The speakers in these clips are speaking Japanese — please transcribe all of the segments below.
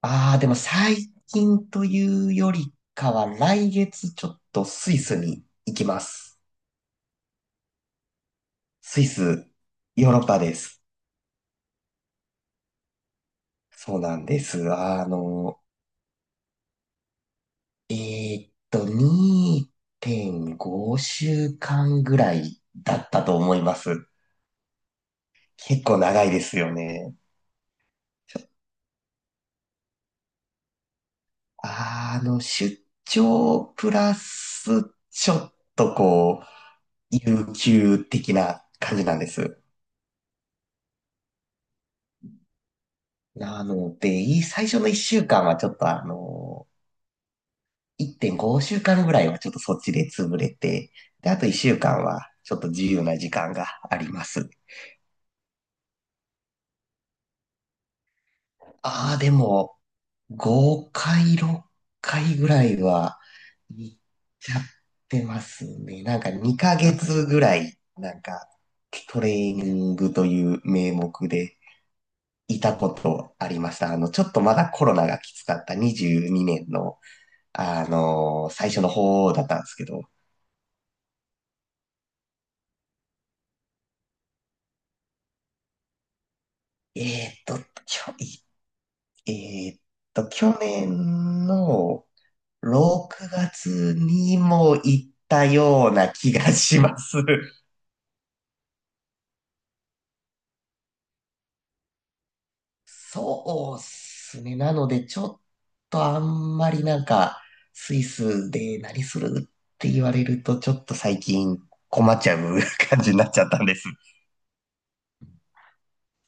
ああ、でも最近というよりかは、来月ちょっとスイスに行きます。スイス、ヨーロッパです。そうなんです。2.5週間ぐらいだったと思います。結構長いですよね。出張プラス、ちょっとこう、有給的な感じなんです。なので、最初の一週間はちょっと1.5週間ぐらいはちょっとそっちで潰れて、で、あと一週間はちょっと自由な時間があります。ああ、でも、5回、6回ぐらいは行っちゃってますね。なんか2ヶ月ぐらい、なんかトレーニングという名目でいたことありました。ちょっとまだコロナがきつかった22年の最初の方だったんですけど、えーっと、きょ、いえーっと、去年の6月にも行ったような気がします。そうっすね。なので、ちょっとあんまりなんか、スイスで何するって言われると、ちょっと最近困っちゃう感じになっちゃったんです。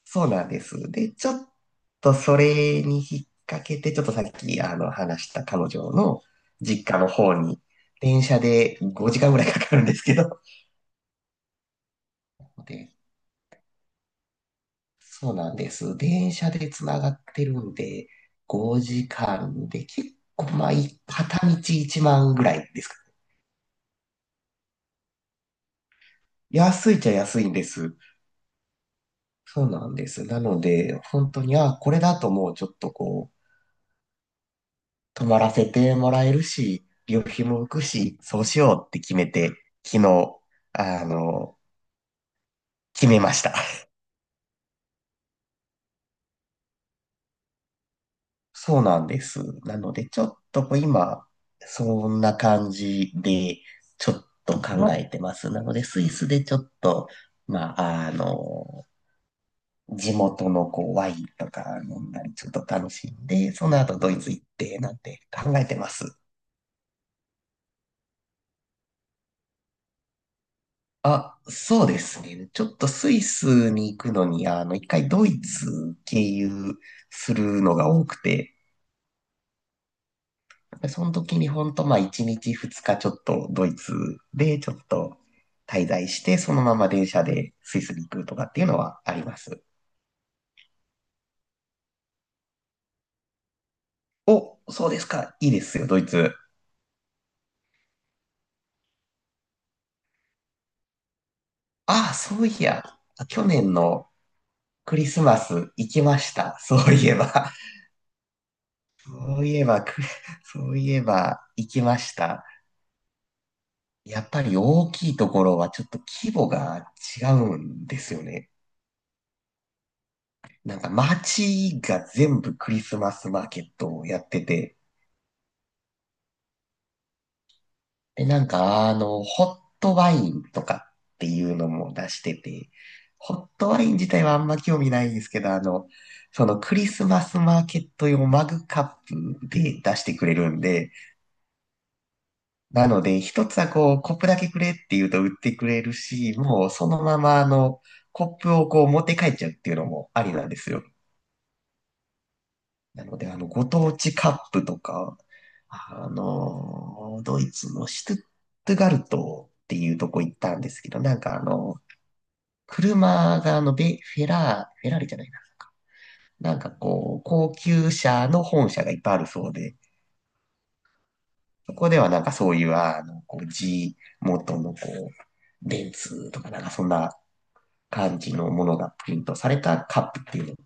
そうなんです。で、ちょっとそれに引っ掛けて、ちょっとさっき話した彼女の実家の方に、電車で5時間ぐらいかかるんですけど。で、そうなんです。電車でつながってるんで、5時間で結構、まあ、片道1万ぐらいですか。安いっちゃ安いんです。そうなんです。なので、本当に、あ、これだともうちょっとこう、泊まらせてもらえるし、旅費も浮くし、そうしようって決めて、昨日、あの、決めました。そうなんです。なので、ちょっと今、そんな感じで、ちょっと考えてます。なので、スイスでちょっと、まあ、地元のこうワインとか飲んだり、ちょっと楽しんで、その後ドイツ行って、なんて考えてます。あ、そうですね。ちょっとスイスに行くのに、一回ドイツ経由するのが多くて、その時にほんと、まあ、一日二日ちょっとドイツでちょっと滞在して、そのまま電車でスイスに行くとかっていうのはあります。お、そうですか。いいですよ、ドイツ。ああ、そういや、去年のクリスマス行きました。そういえば。そういえば、く そういえば行きました。やっぱり大きいところはちょっと規模が違うんですよね。なんか街が全部クリスマスマーケットをやってて、で、なんかホットワインとかっていうのも出してて、ホットワイン自体はあんま興味ないんですけど、そのクリスマスマーケット用マグカップで出してくれるんで、なので、一つはこう、コップだけくれって言うと売ってくれるし、もうそのままコップをこう持って帰っちゃうっていうのもありなんですよ。なので、ご当地カップとか、ドイツのシュトゥットガルトっていうとこ行ったんですけど、なんか車があの、ベ、フェラー、フェラーリじゃないな。なんかこう、高級車の本社がいっぱいあるそうで、そこではなんかそういう、こう G 元のこう、ベンツとかなんかそんな感じのものがプリントされたカップっていうのを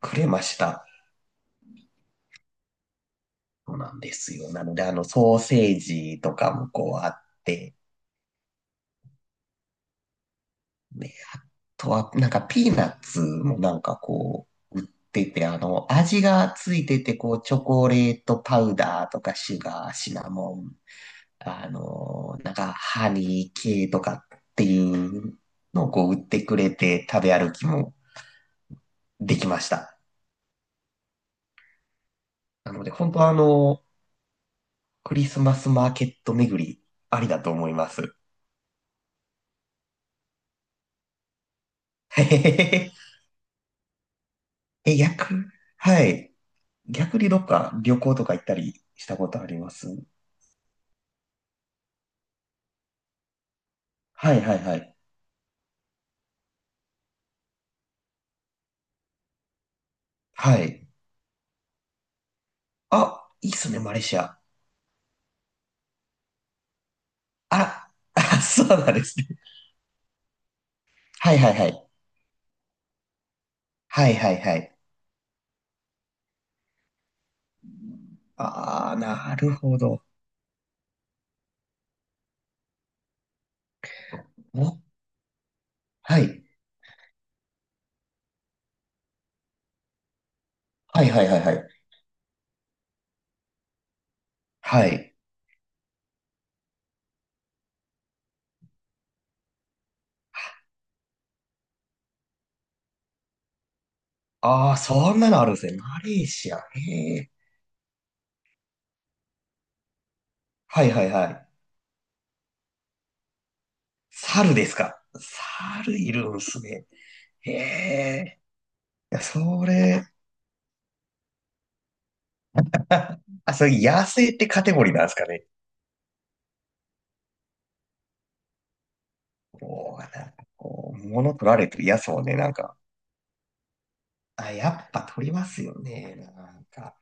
くれました。そうなんですよ。なので、ソーセージとかもこうあって、ね、あとは、なんかピーナッツもなんかこう、売ってて、味がついてて、こう、チョコレートパウダーとか、シュガー、シナモン、なんか、ハニー系とかっていうのをこう、売ってくれて、食べ歩きもできました。なので、本当はクリスマスマーケット巡り、ありだと思います。へへへへえ、はい。逆にどっか旅行とか行ったりしたことあります？はいはいはい。はい。あ、いいっすね、マレーシア。ああ、そうなんですね。はいはいはい。はいはいはい。ああ、なるほど。お、はい。はいはいはいはい。はい。ああ、そんなのあるんですね。マレーシア。へえ。はいはいはい。猿ですか。猿いるんすね。へえ。いやそれ、あ、それ野生ってカテゴリーなんですかね。こう、なんかこう、物取られてるやつもね、なんか、あ、やっぱ取りますよね。なんか。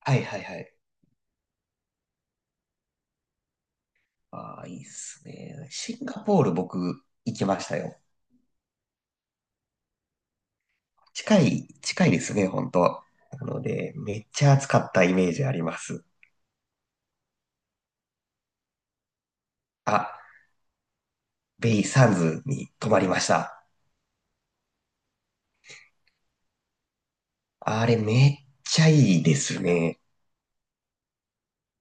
はいはいはい。ああ、いいっすね。シンガポール僕行きましたよ。近い、近いですね、本当。なので、めっちゃ暑かったイメージあります。あ、ベイサンズに泊まりました。あれめっちゃいいですね。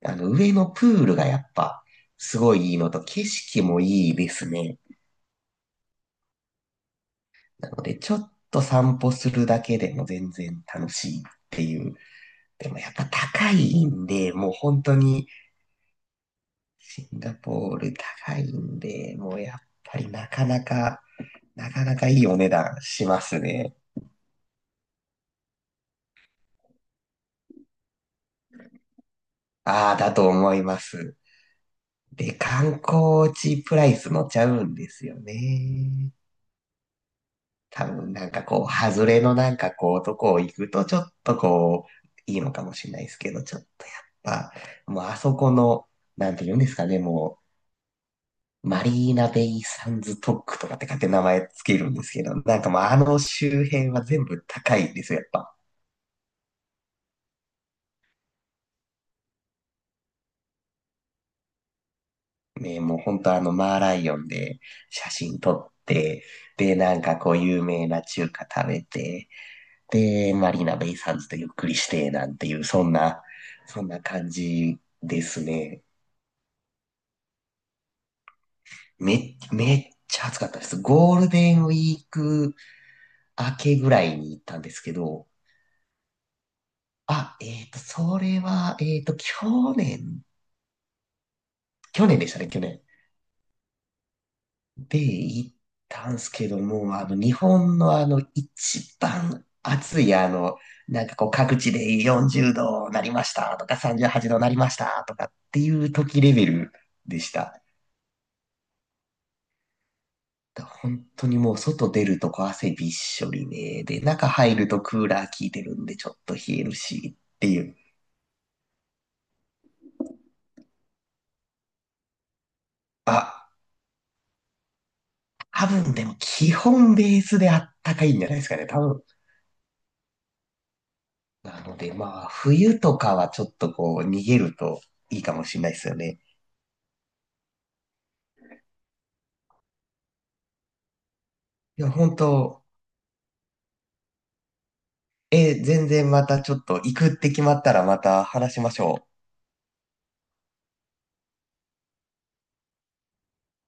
上のプールがやっぱ、すごいいいのと、景色もいいですね。なので、ちょっと散歩するだけでも全然楽しいっていう。でもやっぱ高いんで、もう本当に、シンガポール高いんで、もうやっぱりなかなか、なかなかいいお値段しますね。ああ、だと思います。で、観光地プライス乗っちゃうんですよね。多分なんかこう、外れのなんかこう、とこ行くとちょっとこう、いいのかもしれないですけど、ちょっとやっぱ、もうあそこの、なんて言うんですかね、もう、マリーナベイサンズトックとかって勝手に名前つけるんですけど、なんかもうあの周辺は全部高いんですよ、やっぱ。ね、もう本当あのマーライオンで写真撮って、で、なんかこう有名な中華食べて、で、マリーナベイサンズとゆっくりして、なんていう、そんな感じですね。めっちゃ暑かったです。ゴールデンウィーク明けぐらいに行ったんですけど、あ、それは、去年、去年でしたね、去年。で、行ったんですけども、日本の一番暑い、なんかこう、各地で40度なりましたとか、38度なりましたとかっていう時レベルでした。本当にもう外出るとこ汗びっしょりね。で、中入るとクーラー効いてるんでちょっと冷えるしっていう。あ、多分でも基本ベースであったかいんじゃないですかね。多分。なのでまあ、冬とかはちょっとこう逃げるといいかもしれないですよね。いや、本当、全然またちょっと行くって決まったらまた話しましょう。